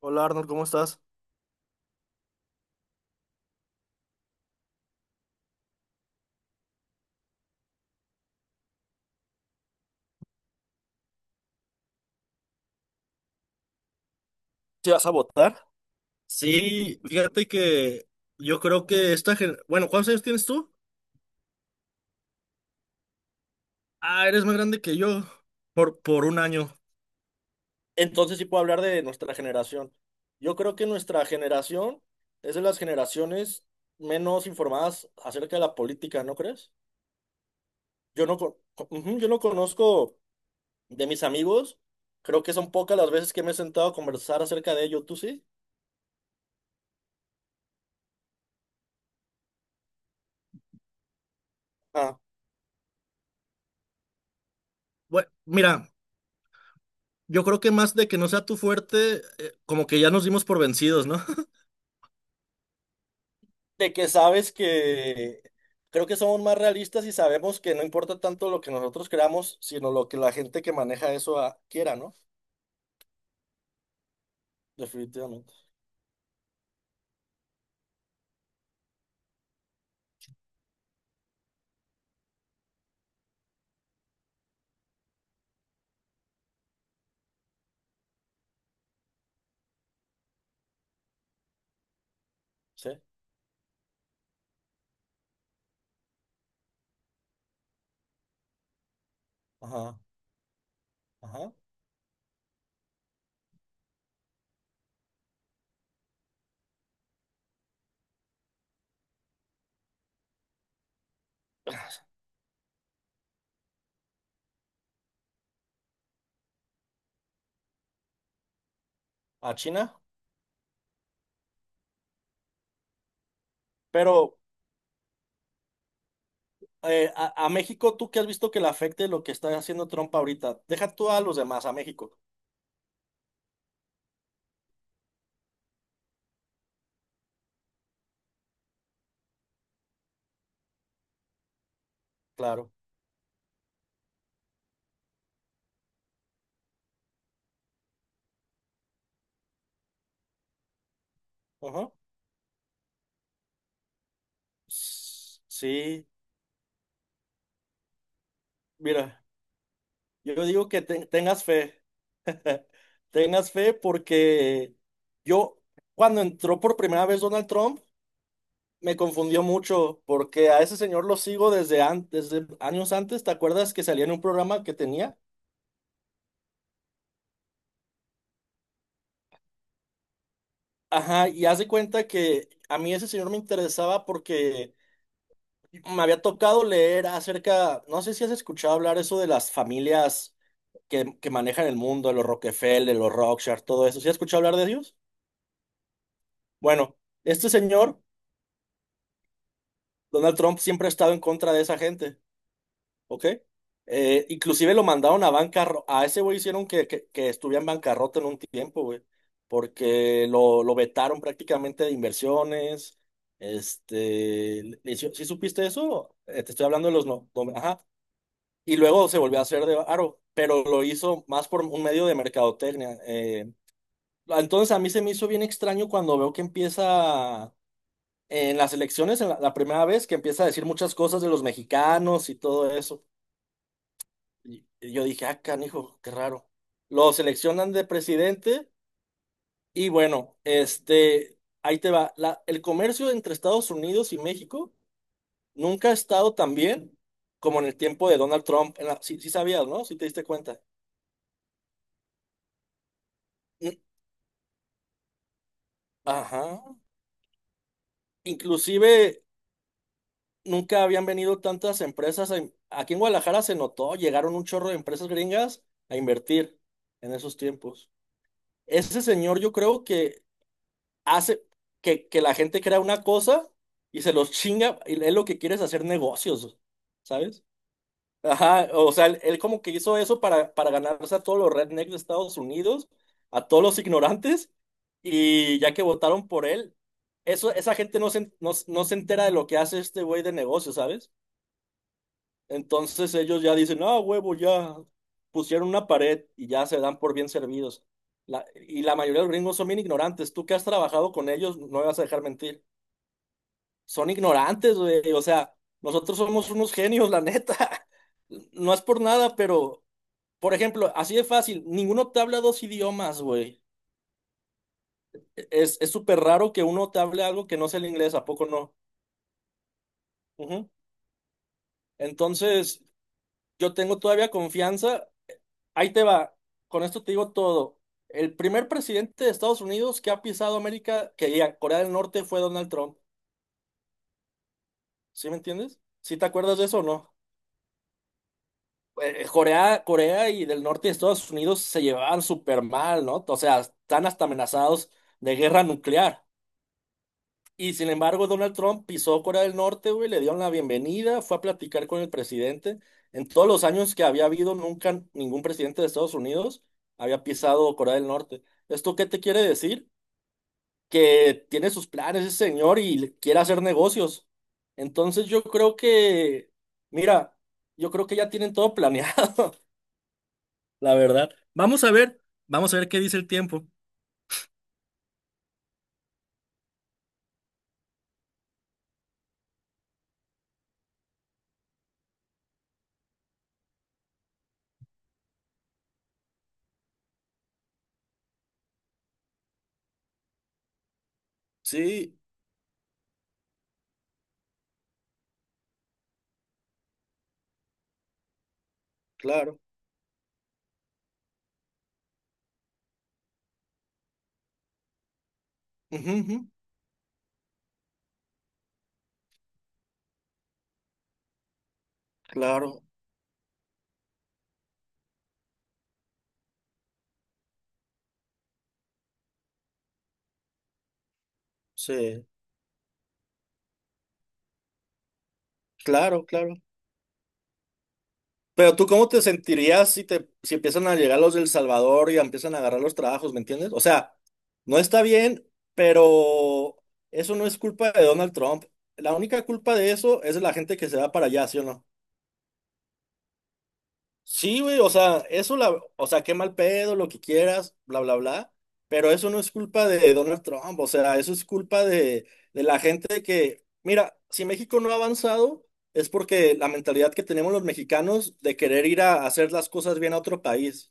Hola Arnold, ¿cómo estás? ¿Sí vas a votar? Sí, fíjate que yo creo que bueno, ¿cuántos años tienes tú? Ah, eres más grande que yo por un año. Entonces sí puedo hablar de nuestra generación. Yo creo que nuestra generación es de las generaciones menos informadas acerca de la política, ¿no crees? Yo no, con- Ujú, yo no conozco de mis amigos, creo que son pocas las veces que me he sentado a conversar acerca de ello, ¿tú sí? Ah, bueno, mira. Yo creo que más de que no sea tu fuerte, como que ya nos dimos por vencidos, ¿no? De que sabes que creo que somos más realistas y sabemos que no importa tanto lo que nosotros creamos, sino lo que la gente que maneja eso quiera, ¿no? Definitivamente. Sí. Ajá. Ajá. A China. Pero a México, ¿tú qué has visto que le afecte lo que está haciendo Trump ahorita? Deja tú a los demás, a México. Claro. Ajá. S- Sí. Mira, yo digo que tengas fe. Tengas fe porque yo, cuando entró por primera vez Donald Trump, me confundió mucho porque a ese señor lo sigo desde, antes, desde años antes. ¿Te acuerdas que salía en un programa que tenía? Ajá, y haz de cuenta que a mí ese señor me interesaba porque me había tocado leer acerca, no sé si has escuchado hablar eso de las familias que manejan el mundo, los Rockefeller, los Rothschild, todo eso. ¿Sí has escuchado hablar de ellos? Bueno, este señor, Donald Trump, siempre ha estado en contra de esa gente. ¿Ok? Inclusive lo mandaron a bancarrota, a ese güey hicieron que estuviera en bancarrota en un tiempo, güey, porque lo vetaron prácticamente de inversiones, este, ¿sí supiste eso? Te estoy hablando de los, ajá, y luego se volvió a hacer de Aro, pero lo hizo más por un medio de mercadotecnia. Eh. Entonces a mí se me hizo bien extraño cuando veo que empieza... En las elecciones, en la primera vez que empieza a decir muchas cosas de los mexicanos y todo eso. Y yo dije, ah, canijo, qué raro. Lo seleccionan de presidente y bueno, este, ahí te va. El comercio entre Estados Unidos y México nunca ha estado tan bien como en el tiempo de Donald Trump. Sí, sí sabías, ¿no? Sí te diste cuenta. Mm, ajá. Inclusive nunca habían venido tantas empresas. Aquí en Guadalajara se notó, llegaron un chorro de empresas gringas a invertir en esos tiempos. Ese señor yo creo que hace que la gente crea una cosa y se los chinga y él lo que quiere es hacer negocios, ¿sabes? Ajá, o sea, él como que hizo eso para ganarse a todos los rednecks de Estados Unidos, a todos los ignorantes, y ya que votaron por él, eso, esa gente no se, no se entera de lo que hace este güey de negocio, ¿sabes? Entonces ellos ya dicen, ah, huevo, ya pusieron una pared y ya se dan por bien servidos. Y la mayoría de los gringos son bien ignorantes. Tú que has trabajado con ellos, no me vas a dejar mentir son ignorantes, güey. O sea, nosotros somos unos genios, la neta. No es por nada, pero, por ejemplo, así de fácil, ninguno te habla dos idiomas, güey. Es súper raro que uno te hable algo que no sea el inglés, ¿a poco no? Ujú. Entonces, yo tengo todavía confianza. Ahí te va. Con esto te digo todo. El primer presidente de Estados Unidos que ha pisado América, que ya Corea del Norte, fue Donald Trump. ¿Sí me entiendes? ¿Sí te acuerdas de eso o no? Corea y del norte de Estados Unidos se llevaban súper mal, ¿no? O sea, están hasta amenazados de guerra nuclear. Y sin embargo, Donald Trump pisó Corea del Norte, güey, le dieron la bienvenida, fue a platicar con el presidente. En todos los años que había habido, nunca ningún presidente de Estados Unidos había pisado Corea del Norte. ¿Esto qué te quiere decir? Que tiene sus planes ese señor y quiere hacer negocios. Entonces yo creo que, mira, yo creo que ya tienen todo planeado. La verdad. Vamos a ver qué dice el tiempo. Sí, claro. Ujú, ujú, claro, sí, claro, claro. Pero tú, ¿cómo te sentirías si empiezan a llegar los del Salvador y empiezan a agarrar los trabajos, ¿me entiendes? O sea, no está bien, pero eso no es culpa de Donald Trump. La única culpa de eso es de la gente que se va para allá, ¿sí o no? Sí, güey, o sea, eso la, o sea, qué mal pedo, lo que quieras, bla, bla, bla, pero eso no es culpa de Donald Trump, o sea, eso es culpa de la gente que, mira, si México no ha avanzado, es porque la mentalidad que tenemos los mexicanos de querer ir a hacer las cosas bien a otro país.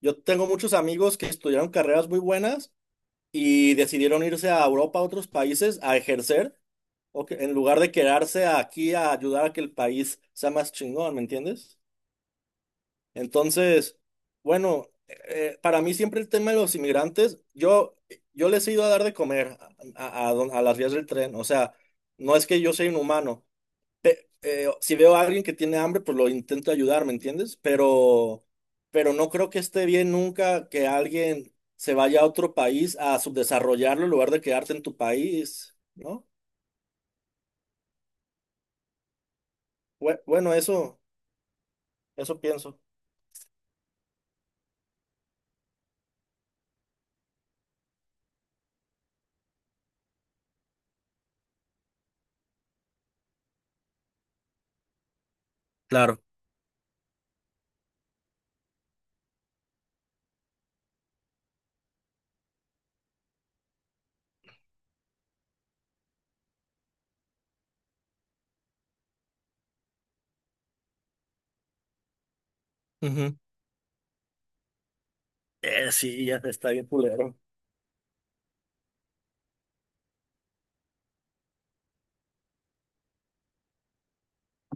Yo tengo muchos amigos que estudiaron carreras muy buenas y decidieron irse a Europa, a otros países, a ejercer, en lugar de quedarse aquí a ayudar a que el país sea más chingón, ¿me entiendes? Entonces, bueno, para mí siempre el tema de los inmigrantes, yo les he ido a dar de comer a, a a las vías del tren, o sea, no es que yo sea inhumano. Si veo a alguien que tiene hambre, pues lo intento ayudar, ¿me entiendes? Pero no creo que esté bien nunca que alguien se vaya a otro país a subdesarrollarlo en lugar de quedarte en tu país, ¿no? Bueno, eso pienso. Claro. Ujú. Sí, ya está bien culero.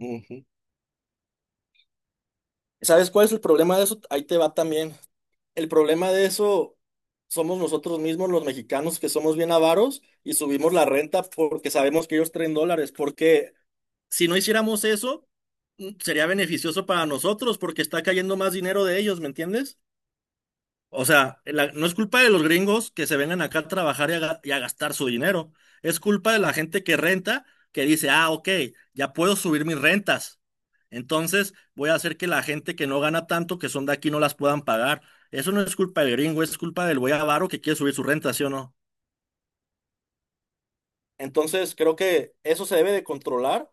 Ujú. ¿Sabes cuál es el problema de eso? Ahí te va también. El problema de eso somos nosotros mismos, los mexicanos, que somos bien avaros y subimos la renta porque sabemos que ellos traen dólares. Porque si no hiciéramos eso, mm, sería beneficioso para nosotros porque está cayendo más dinero de ellos, ¿me entiendes? O sea, no es culpa de los gringos que se vengan acá a trabajar y y a gastar su dinero. Es culpa de la gente que renta, que dice, ah, ok, ya puedo subir mis rentas. Entonces voy a hacer que la gente que no gana tanto, que son de aquí, no las puedan pagar. Eso no es culpa del gringo, es culpa del güey avaro que quiere subir su renta, ¿sí o no? Entonces creo que eso se debe de controlar,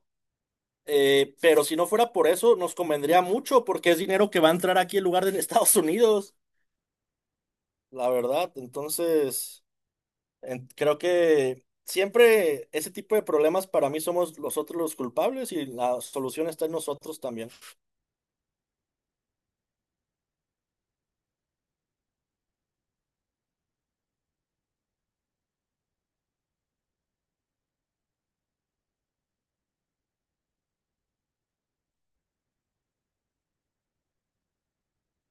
pero si no fuera por eso, nos convendría mucho porque es dinero que va a entrar aquí en lugar de en Estados Unidos, la verdad. Entonces... Creo que siempre ese tipo de problemas para mí somos nosotros los culpables y la solución está en nosotros también.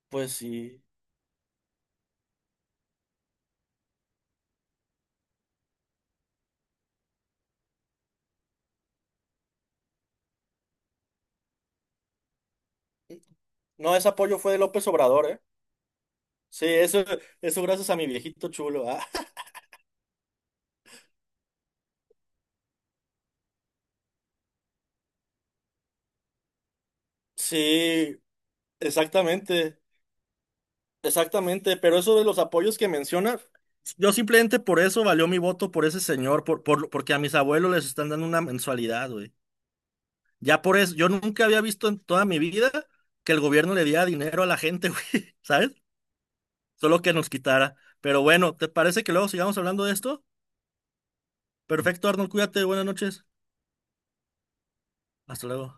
Pues sí. No, ese apoyo fue de López Obrador, ¿eh? Sí, eso gracias a mi viejito chulo. Ah. Sí, exactamente, exactamente. Pero eso de los apoyos que mencionas, yo simplemente por eso valió mi voto por ese señor, porque a mis abuelos les están dando una mensualidad, güey. Ya por eso, yo nunca había visto en toda mi vida que el gobierno le diera dinero a la gente, güey, ¿sabes? Solo que nos quitara. Pero bueno, ¿te parece que luego sigamos hablando de esto? Perfecto, Arnold, cuídate, buenas noches. Hasta luego.